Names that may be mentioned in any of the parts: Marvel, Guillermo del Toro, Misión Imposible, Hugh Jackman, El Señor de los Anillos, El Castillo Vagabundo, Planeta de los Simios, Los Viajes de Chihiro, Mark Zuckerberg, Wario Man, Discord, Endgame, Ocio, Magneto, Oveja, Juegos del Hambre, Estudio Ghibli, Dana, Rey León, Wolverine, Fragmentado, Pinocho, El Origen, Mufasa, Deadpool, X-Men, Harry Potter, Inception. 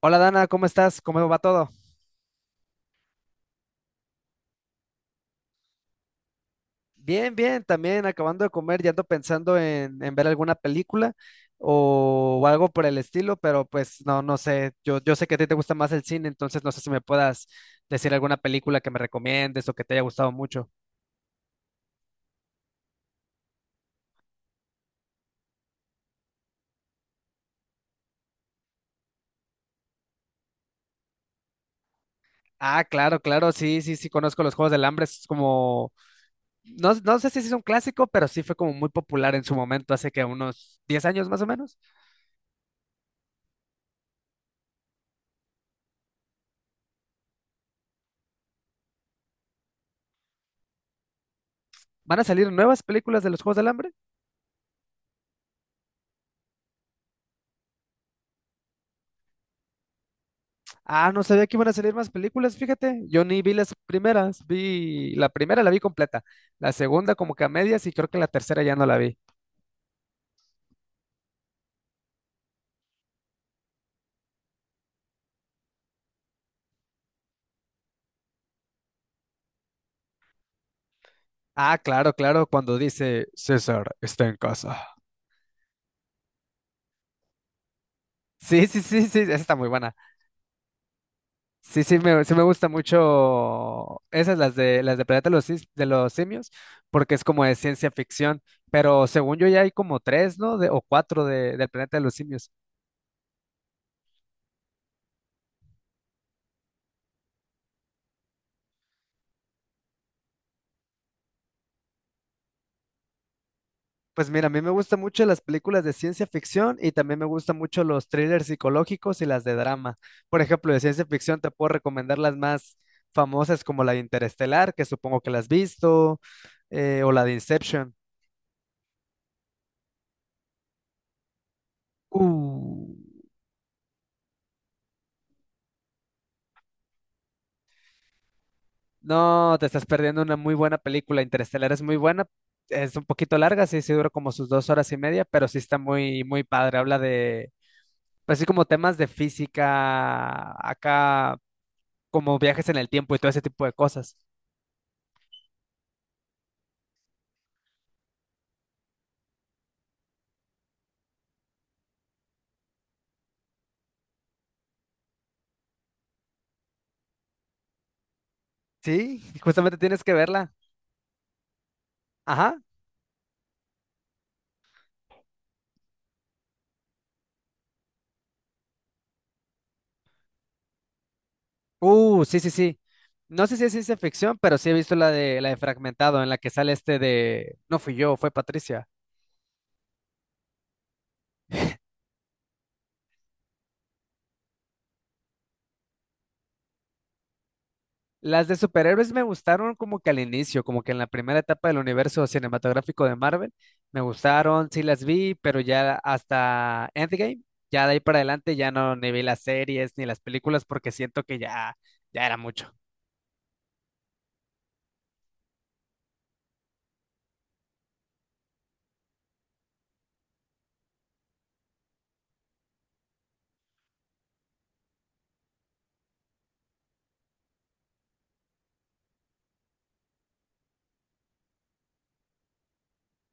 Hola Dana, ¿cómo estás? ¿Cómo va todo? Bien, bien, también acabando de comer, ya ando pensando en ver alguna película o algo por el estilo, pero pues no sé, yo sé que a ti te gusta más el cine, entonces no sé si me puedas decir alguna película que me recomiendes o que te haya gustado mucho. Ah, claro, claro, sí, sí, sí, conozco los Juegos del Hambre, es como, no sé si sí es un clásico, pero sí fue como muy popular en su momento, hace que unos 10 años más o menos. ¿Van a salir nuevas películas de los Juegos del Hambre? Ah, no sabía que iban a salir más películas, fíjate. Yo ni vi las primeras, vi la primera la vi completa, la segunda como que a medias y creo que la tercera ya no la vi. Ah, claro, claro, cuando dice César está en casa. Sí, sí, sí, sí, esa está muy buena. Sí, sí me gusta mucho esas, las de Planeta de los, de los Simios, porque es como de ciencia ficción, pero según yo ya hay como tres, ¿no? O cuatro del Planeta de los Simios. Pues mira, a mí me gustan mucho las películas de ciencia ficción y también me gustan mucho los thrillers psicológicos y las de drama. Por ejemplo, de ciencia ficción te puedo recomendar las más famosas como la de Interestelar, que supongo que la has visto, o la de Inception. Uh. No, te estás perdiendo una muy buena película. Interestelar es muy buena. Es un poquito larga, sí dura como sus 2 horas y media, pero sí está muy, muy padre. Habla de, pues sí, como temas de física, acá, como viajes en el tiempo y todo ese tipo de cosas. Sí, justamente tienes que verla. Ajá. Sí, sí, sí. No sé si es ciencia ficción, pero sí he visto la de Fragmentado, en la que sale este de, no fui yo, fue Patricia. Las de superhéroes me gustaron como que al inicio, como que en la primera etapa del universo cinematográfico de Marvel, me gustaron, sí las vi, pero ya hasta Endgame, ya de ahí para adelante ya no ni vi las series ni las películas porque siento que ya era mucho.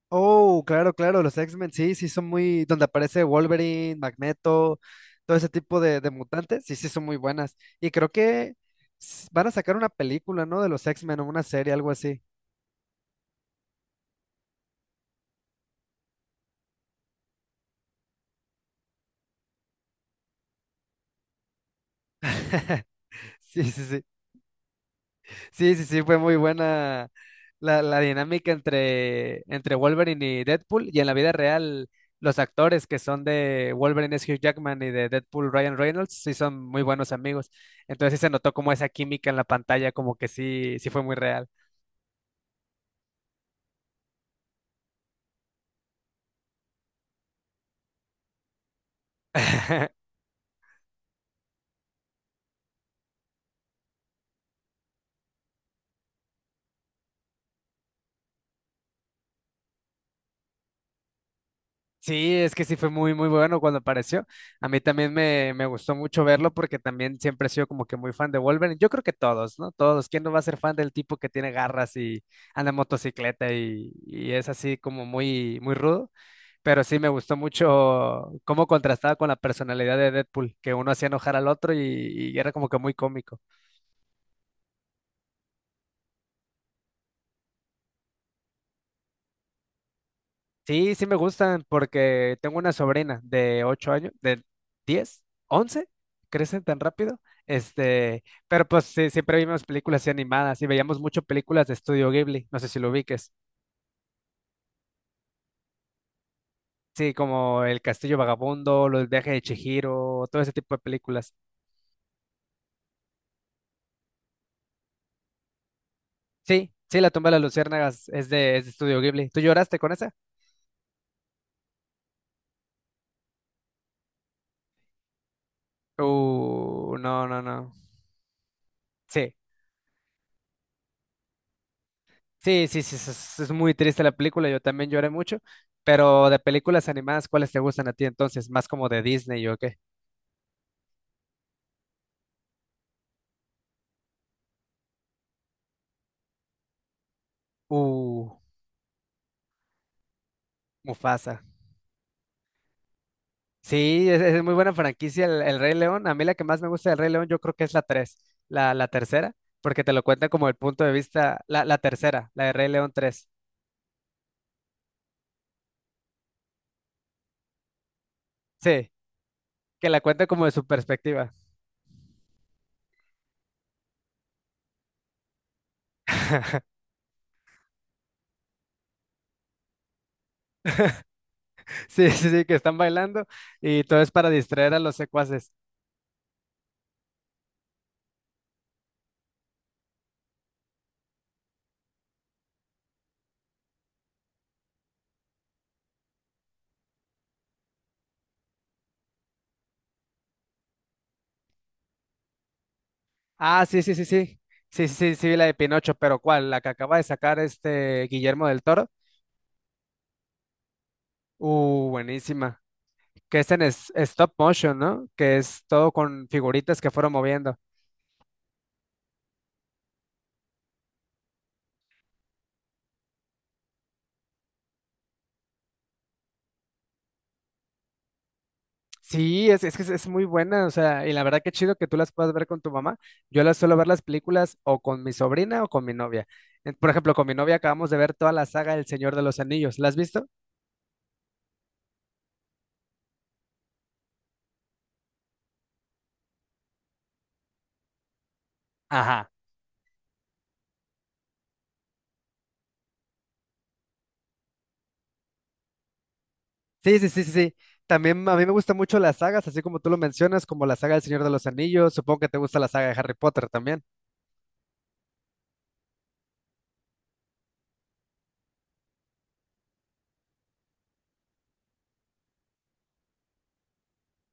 Oh, claro, claro, los X-Men sí son donde aparece Wolverine, Magneto, todo ese tipo de mutantes, sí son muy buenas. Y creo que van a sacar una película, ¿no? De los X-Men o una serie, algo así. Sí, sí, sí. Sí, sí, sí, fue muy buena la dinámica entre Wolverine y Deadpool. Y en la vida real, los actores que son de Wolverine es Hugh Jackman y de Deadpool Ryan Reynolds, sí son muy buenos amigos. Entonces sí se notó como esa química en la pantalla, como que sí fue muy real. Sí, es que sí fue muy, muy bueno cuando apareció. A mí también me gustó mucho verlo porque también siempre he sido como que muy fan de Wolverine. Yo creo que todos, ¿no? Todos. ¿Quién no va a ser fan del tipo que tiene garras y anda en motocicleta y es así como muy, muy rudo? Pero sí me gustó mucho cómo contrastaba con la personalidad de Deadpool, que uno hacía enojar al otro y era como que muy cómico. Sí, sí me gustan porque tengo una sobrina de 8 años, de 10, 11, crecen tan rápido. Este, pero pues sí, siempre vimos películas así animadas y veíamos mucho películas de Estudio Ghibli, no sé si lo ubiques. Sí, como El Castillo Vagabundo, Los Viajes de Chihiro, todo ese tipo de películas. Sí, sí, La tumba de las luciérnagas es de Estudio Ghibli. ¿Tú lloraste con esa? No, no, no. Sí. Sí, sí, sí, es muy triste la película, yo también lloré mucho, pero de películas animadas, ¿cuáles te gustan a ti entonces? ¿Más como de Disney o qué? Uh, Mufasa. Sí, es muy buena franquicia el Rey León. A mí la que más me gusta del Rey León yo creo que es la tres, la tercera, porque te lo cuenta como el punto de vista, la tercera, la de Rey León tres. Sí, que la cuenta como de su perspectiva. Sí, sí, sí, que están bailando y todo es para distraer a los secuaces. Ah, sí, sí, sí, sí. Sí, sí, sí, sí, vi la de Pinocho, pero ¿cuál? La que acaba de sacar este Guillermo del Toro. Buenísima. Que es en stop motion, ¿no? Que es todo con figuritas que fueron moviendo. Sí, es que es muy buena, o sea, y la verdad que chido que tú las puedas ver con tu mamá. Yo las suelo ver las películas o con mi sobrina o con mi novia. Por ejemplo, con mi novia acabamos de ver toda la saga El Señor de los Anillos. ¿La has visto? Ajá. Sí, sí, sí, sí, sí. También a mí me gustan mucho las sagas, así como tú lo mencionas, como la saga del Señor de los Anillos. Supongo que te gusta la saga de Harry Potter también.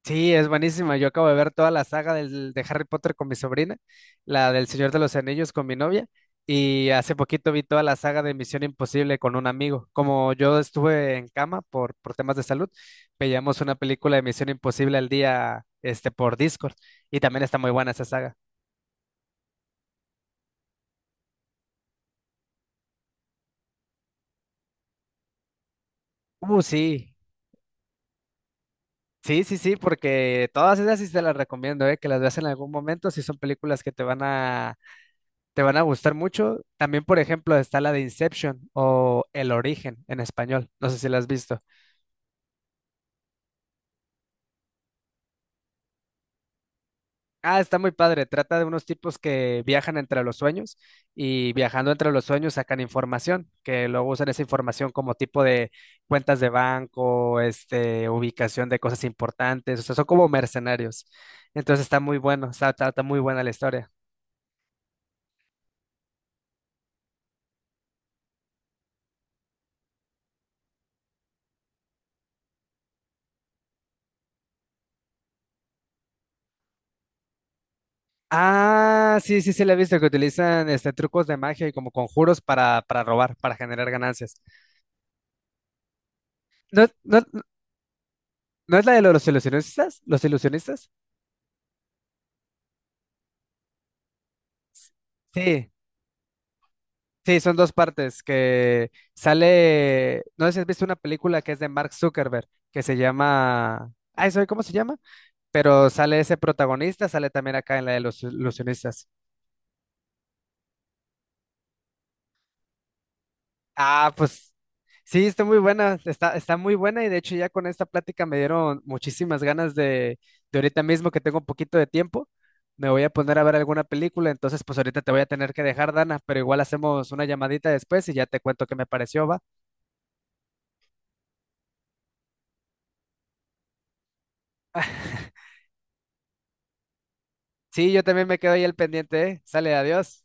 Sí, es buenísima. Yo acabo de ver toda la saga de Harry Potter con mi sobrina, la del Señor de los Anillos con mi novia, y hace poquito vi toda la saga de Misión Imposible con un amigo. Como yo estuve en cama por temas de salud, veíamos una película de Misión Imposible al día, este, por Discord, y también está muy buena esa saga. Sí. Sí, sí, sí, porque todas esas sí te las recomiendo, que las veas en algún momento, si son películas que te van a gustar mucho. También, por ejemplo, está la de Inception o El Origen en español, no sé si la has visto. Ah, está muy padre, trata de unos tipos que viajan entre los sueños y viajando entre los sueños sacan información, que luego usan esa información como tipo de cuentas de banco, este, ubicación de cosas importantes, o sea, son como mercenarios. Entonces está muy bueno, está muy buena la historia. Ah, sí, sí, sí, la he visto que utilizan este, trucos de magia y como conjuros para robar, para generar ganancias. ¿No, no, no es la de los ilusionistas? ¿Los ilusionistas? Sí, sí, son dos partes que sale. No sé si has visto una película que es de Mark Zuckerberg que se llama. Ay, ¿sabe cómo se llama? Pero sale ese protagonista, sale también acá en la de los ilusionistas. Ah, pues sí, está muy buena, está muy buena y de hecho ya con esta plática me dieron muchísimas ganas de ahorita mismo que tengo un poquito de tiempo, me voy a poner a ver alguna película, entonces pues ahorita te voy a tener que dejar, Dana, pero igual hacemos una llamadita después y ya te cuento qué me pareció, ¿va? Sí, yo también me quedo ahí al pendiente, ¿eh? Sale, adiós.